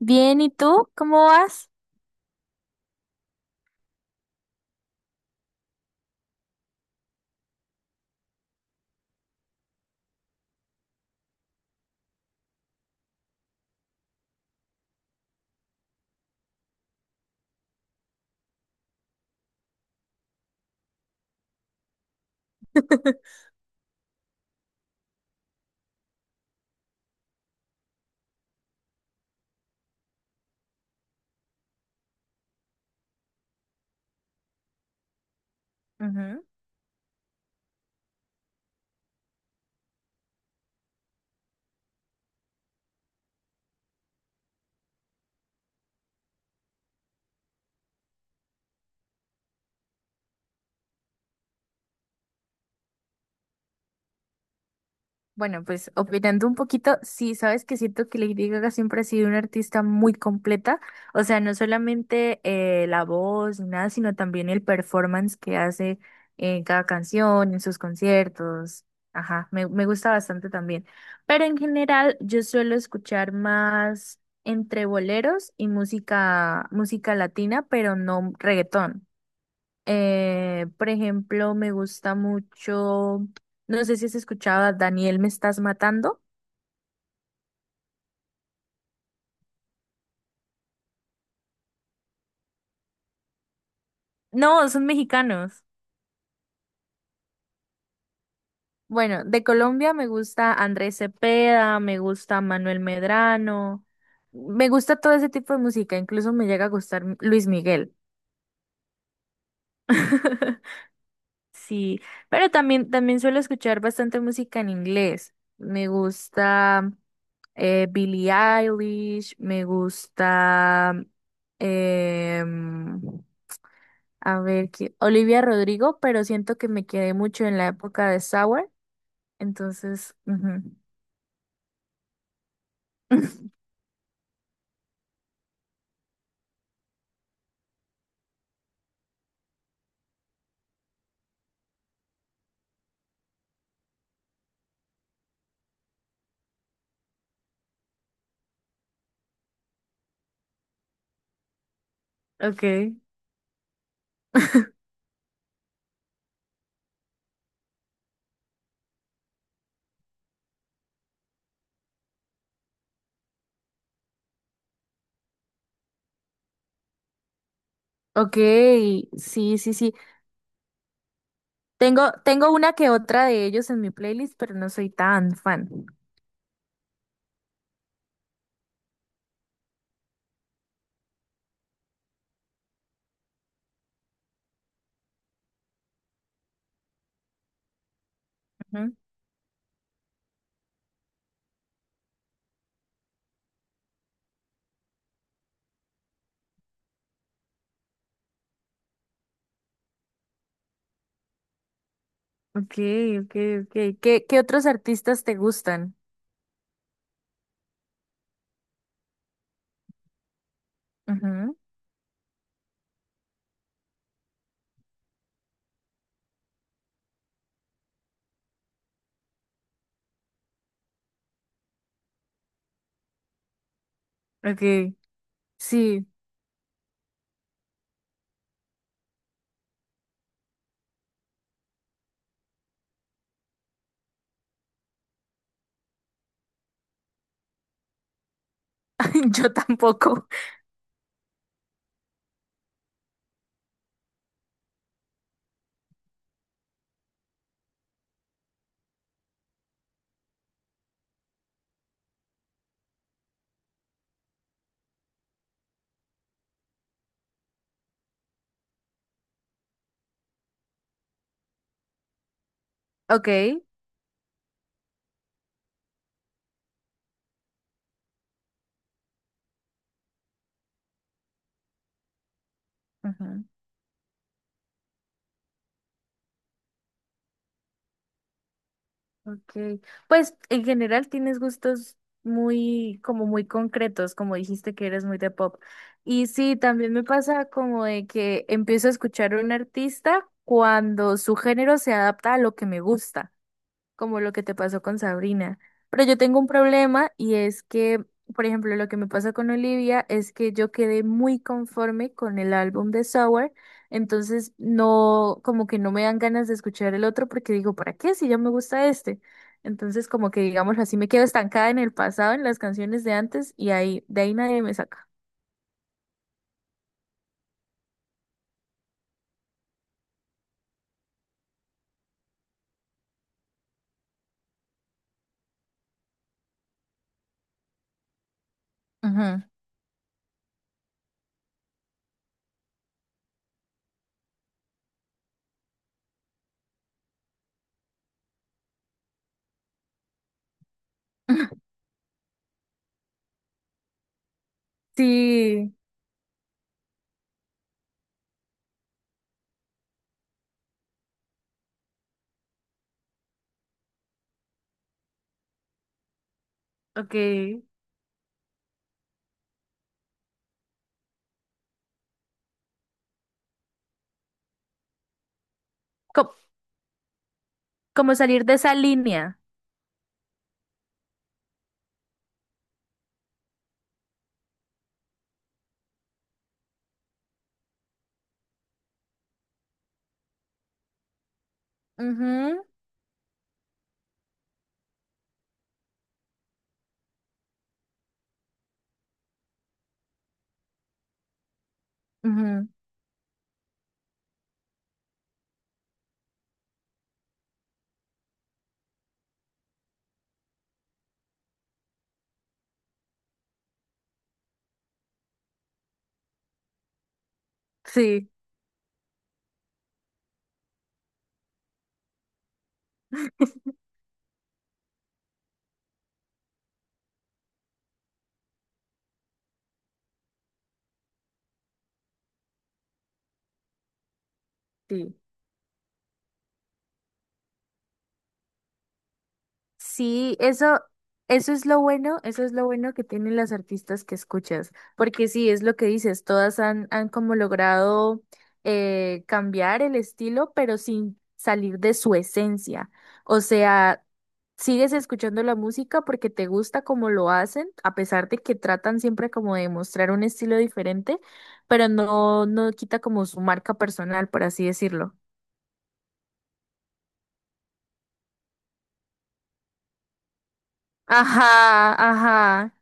Bien, ¿y tú? ¿Cómo vas? Ujú. Bueno, pues opinando un poquito, sí, sabes que siento que Lady Gaga siempre ha sido una artista muy completa, o sea, no solamente la voz ni nada, sino también el performance que hace en cada canción, en sus conciertos. Ajá, me gusta bastante también. Pero en general, yo suelo escuchar más entre boleros y música, música latina, pero no reggaetón. Por ejemplo, me gusta mucho, no sé si has escuchado a Daniel Me Estás Matando. No, son mexicanos. Bueno, de Colombia me gusta Andrés Cepeda, me gusta Manuel Medrano, me gusta todo ese tipo de música, incluso me llega a gustar Luis Miguel. Sí, pero también suelo escuchar bastante música en inglés. Me gusta Billie Eilish, me gusta, em, a ver, ¿qué? Olivia Rodrigo, pero siento que me quedé mucho en la época de Sour, entonces, ujú. Okay. Okay, sí, sí, sí. Tengo una que otra de ellos en mi playlist, pero no soy tan fan. Ujú. Okay, okay, okay. ¿Qué otros artistas te gustan? Ujú, ok, sí, yo tampoco. Ok, ujú, ok. Pues en general tienes gustos muy, como muy concretos, como dijiste que eres muy de pop. Y sí, también me pasa como de que empiezo a escuchar a un artista cuando su género se adapta a lo que me gusta, como lo que te pasó con Sabrina. Pero yo tengo un problema y es que, por ejemplo, lo que me pasa con Olivia es que yo quedé muy conforme con el álbum de Sour, entonces no, como que no me dan ganas de escuchar el otro porque digo, ¿para qué si ya me gusta este? Entonces, como que digamos así, me quedo estancada en el pasado, en las canciones de antes y ahí, de ahí nadie me saca. Ujú. Sí, ok. Co- Como salir de esa línea. Ujú. Ujú, sí, sí. Sí, eso es lo bueno, eso es lo bueno que tienen las artistas que escuchas, porque sí, es lo que dices, todas han como logrado cambiar el estilo, pero sin salir de su esencia. O sea, sigues escuchando la música porque te gusta como lo hacen, a pesar de que tratan siempre como de mostrar un estilo diferente, pero no, no quita como su marca personal, por así decirlo. Ajá, ajá.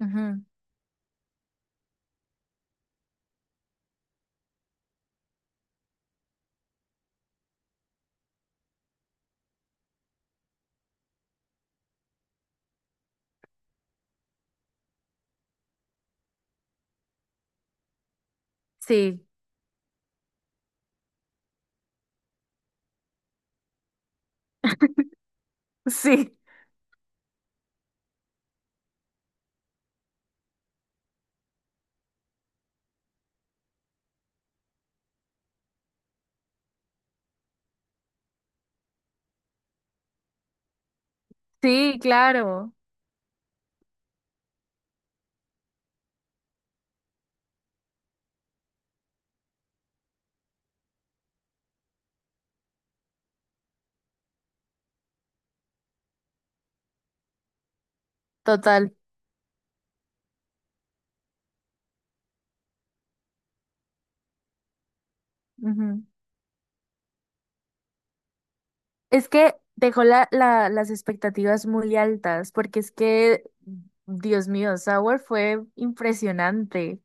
Ujú, sí, sí. Sí, claro, total. Ujú. Es que dejó las expectativas muy altas, porque es que, Dios mío, Sour fue impresionante.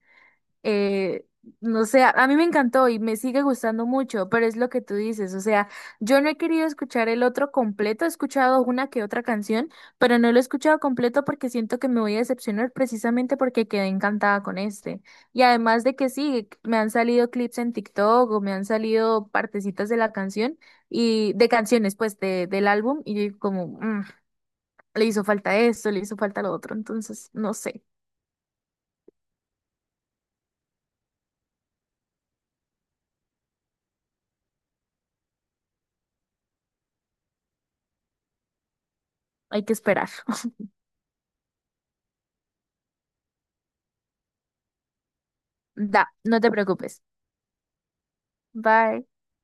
eh, no sé, a mí me encantó y me sigue gustando mucho, pero es lo que tú dices, o sea, yo no he querido escuchar el otro completo, he escuchado una que otra canción, pero no lo he escuchado completo porque siento que me voy a decepcionar precisamente porque quedé encantada con este. Y además de que sí, me han salido clips en TikTok o me han salido partecitas de la canción y de canciones, pues, del álbum y yo digo como, "Mm, le hizo falta esto, le hizo falta lo otro, entonces, no sé." Hay que esperar. Da, no te preocupes. Bye.